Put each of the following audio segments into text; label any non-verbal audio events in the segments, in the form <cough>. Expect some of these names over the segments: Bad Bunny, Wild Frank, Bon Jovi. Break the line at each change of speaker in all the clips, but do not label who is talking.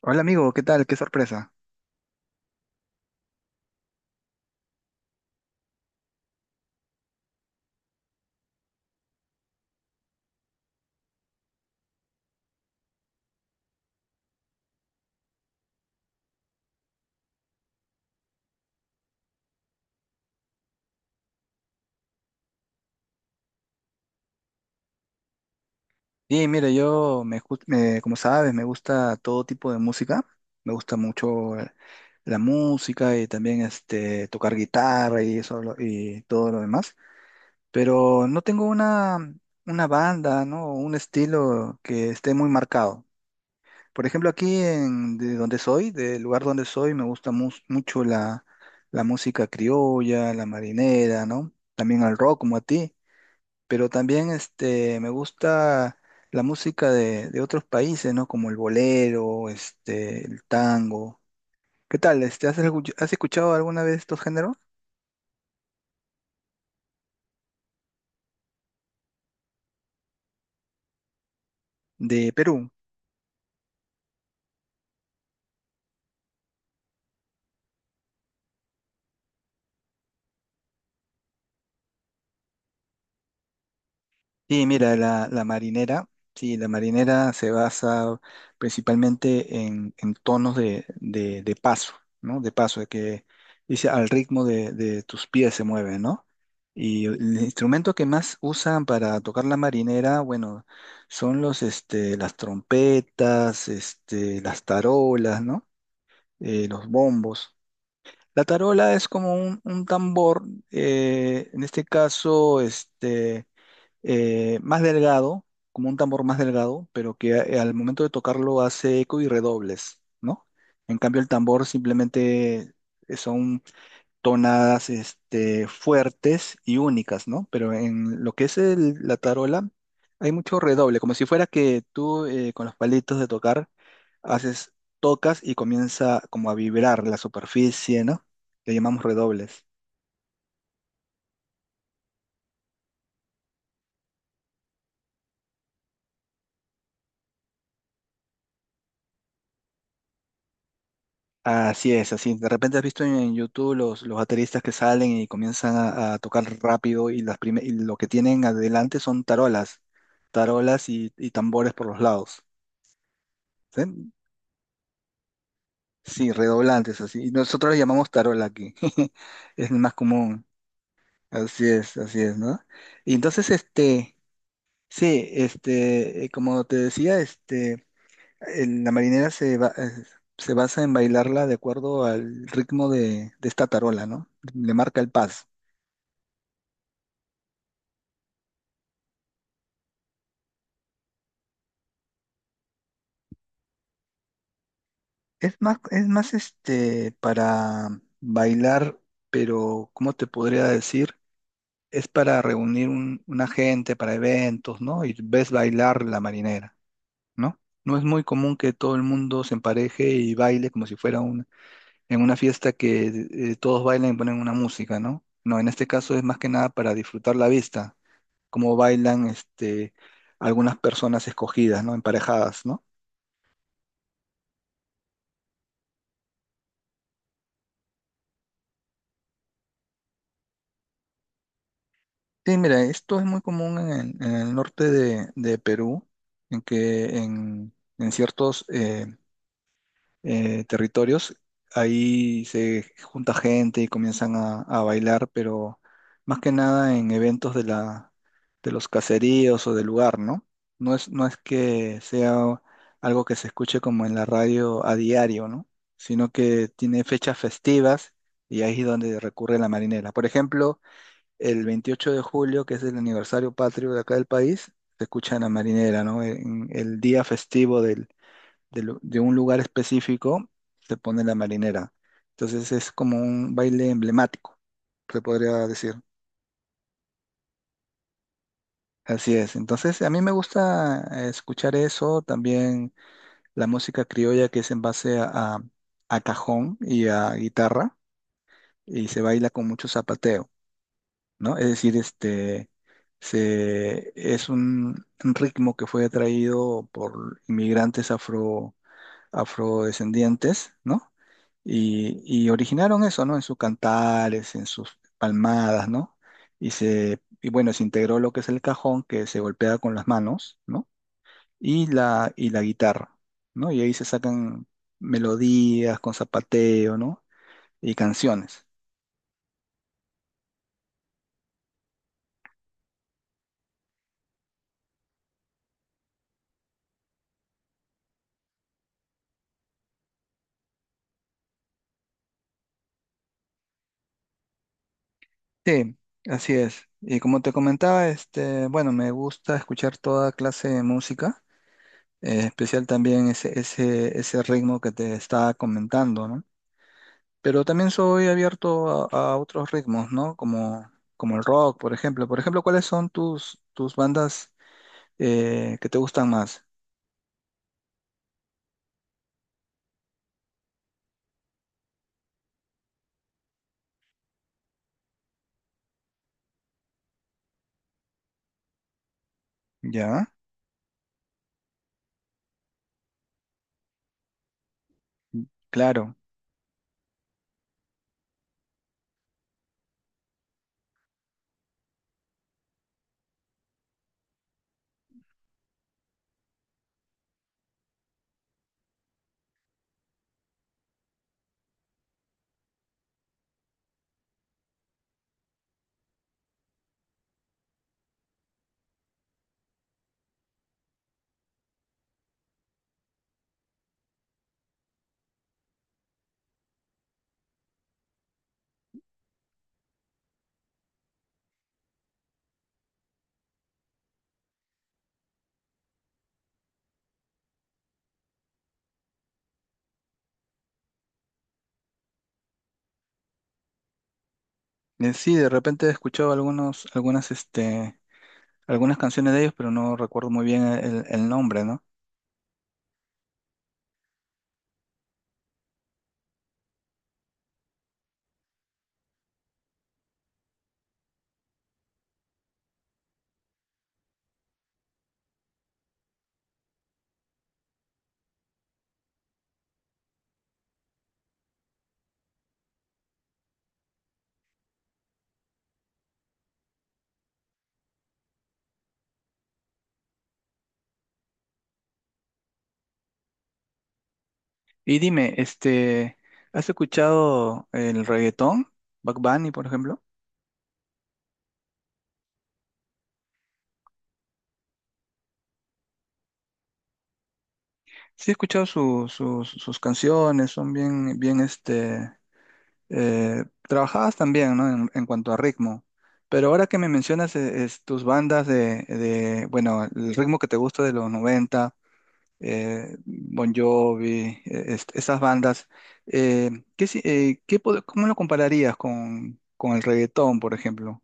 Hola amigo, ¿qué tal? Qué sorpresa. Sí, mira, yo, me, ju- me- como sabes, me gusta todo tipo de música. Me gusta mucho la música y también tocar guitarra y y todo lo demás. Pero no tengo una banda, ¿no? Un estilo que esté muy marcado. Por ejemplo, aquí de donde soy, del lugar donde soy, me gusta mucho la música criolla, la marinera, ¿no? También el rock como a ti. Pero también me gusta la música de otros países, ¿no? Como el bolero, el tango. ¿Qué tal? ¿Has escuchado alguna vez estos géneros? ¿De Perú? Sí, mira, la marinera, sí, la marinera se basa principalmente en tonos de paso, ¿no? De paso, de que dice al ritmo de tus pies se mueve, ¿no? Y el instrumento que más usan para tocar la marinera, bueno, son las trompetas, las tarolas, ¿no? Los bombos. La tarola es como un tambor, en este caso, más delgado, como un tambor más delgado, pero que al momento de tocarlo hace eco y redobles, ¿no? En cambio, el tambor simplemente son tonadas fuertes y únicas, ¿no? Pero en lo que es la tarola, hay mucho redoble, como si fuera que tú con los palitos de tocar haces, tocas y comienza como a vibrar la superficie, ¿no? Le llamamos redobles. Así es, así. De repente has visto en YouTube los bateristas que salen y comienzan a tocar rápido y lo que tienen adelante son tarolas, y tambores por los lados. ¿Sí? Sí, redoblantes, así. Y nosotros le llamamos tarola aquí. <laughs> Es más común. Así es, ¿no? Y entonces, sí, como te decía, la marinera se basa en bailarla de acuerdo al ritmo de esta tarola, ¿no? Le marca el paso. Es más para bailar, pero ¿cómo te podría decir? Es para reunir una gente para eventos, ¿no? Y ves bailar la marinera, ¿no? No es muy común que todo el mundo se empareje y baile como si fuera en una fiesta que todos bailan y ponen una música, ¿no? No, en este caso es más que nada para disfrutar la vista, como bailan algunas personas escogidas, ¿no? Emparejadas, ¿no? Sí, mira, esto es muy común en el norte de Perú, en que en ciertos territorios ahí se junta gente y comienzan a bailar, pero más que nada en eventos de los caseríos o del lugar, ¿no? No es que sea algo que se escuche como en la radio a diario, ¿no? Sino que tiene fechas festivas y ahí es donde recurre la marinera. Por ejemplo, el 28 de julio, que es el aniversario patrio de acá del país, se escucha en la marinera, ¿no? En el día festivo de un lugar específico se pone la marinera. Entonces es como un baile emblemático, se podría decir. Así es. Entonces a mí me gusta escuchar eso, también la música criolla que es en base a a cajón y a guitarra y se baila con mucho zapateo. ¿No? Es decir, es un ritmo que fue traído por inmigrantes afrodescendientes, ¿no? Y originaron eso, ¿no? En sus cantares, en sus palmadas, ¿no? Y bueno, se integró lo que es el cajón, que se golpea con las manos, ¿no? Y la guitarra, ¿no? Y ahí se sacan melodías con zapateo, ¿no? Y canciones. Sí, así es. Y como te comentaba, bueno, me gusta escuchar toda clase de música, especial también ese ritmo que te estaba comentando, ¿no? Pero también soy abierto a otros ritmos, ¿no? Como el rock, por ejemplo. Por ejemplo, ¿cuáles son tus bandas que te gustan más? Ya, claro. Sí, de repente he escuchado algunas canciones de ellos, pero no recuerdo muy bien el nombre, ¿no? Y dime, ¿has escuchado el reggaetón? Bad Bunny, por ejemplo. Sí, he escuchado sus canciones, son bien, bien, trabajadas también, ¿no? En cuanto a ritmo. Pero ahora que me mencionas es tus bandas bueno, el ritmo que te gusta de los 90, Bon Jovi, esas bandas, eh, ¿qué, si- qué pod- ¿cómo lo compararías con el reggaetón, por ejemplo?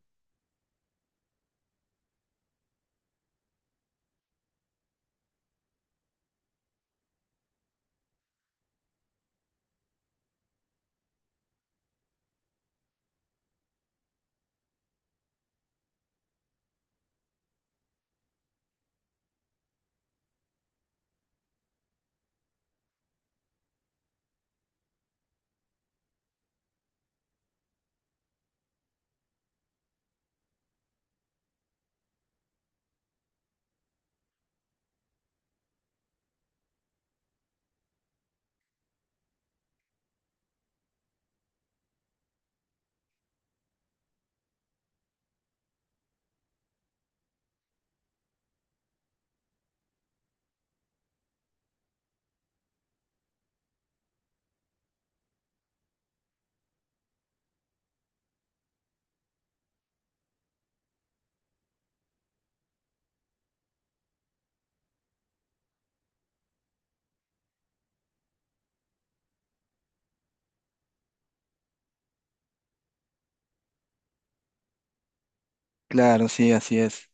Claro, sí, así es.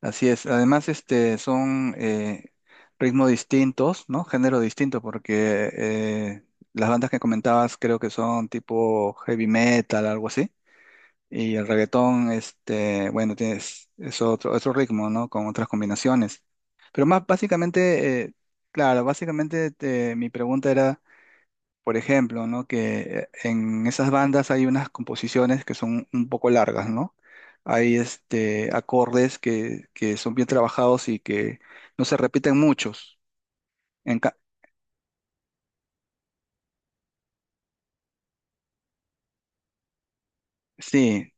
Así es. Además, son ritmos distintos, ¿no? Género distinto, porque las bandas que comentabas creo que son tipo heavy metal, algo así. Y el reggaetón, bueno, es otro ritmo, ¿no? Con otras combinaciones. Pero más básicamente, claro, básicamente mi pregunta era por ejemplo, ¿no? Que en esas bandas hay unas composiciones que son un poco largas, ¿no? Hay acordes que son bien trabajados y que no se repiten muchos. En ca- sí,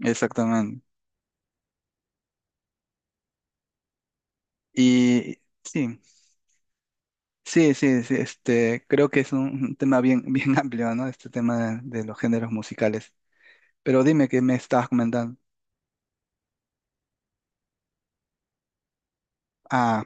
exactamente. Y sí, sí, sí, sí, creo que es un tema bien, <laughs> bien amplio, ¿no? Este tema de los géneros musicales. Pero dime qué me estabas comentando. Ah,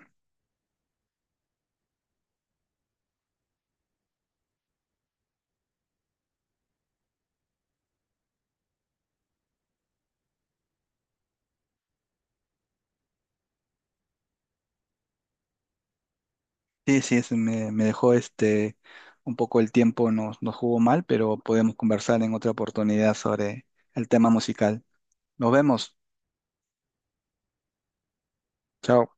sí, sí, me dejó un poco el tiempo, nos jugó mal, pero podemos conversar en otra oportunidad sobre el tema musical. Nos vemos. Chao.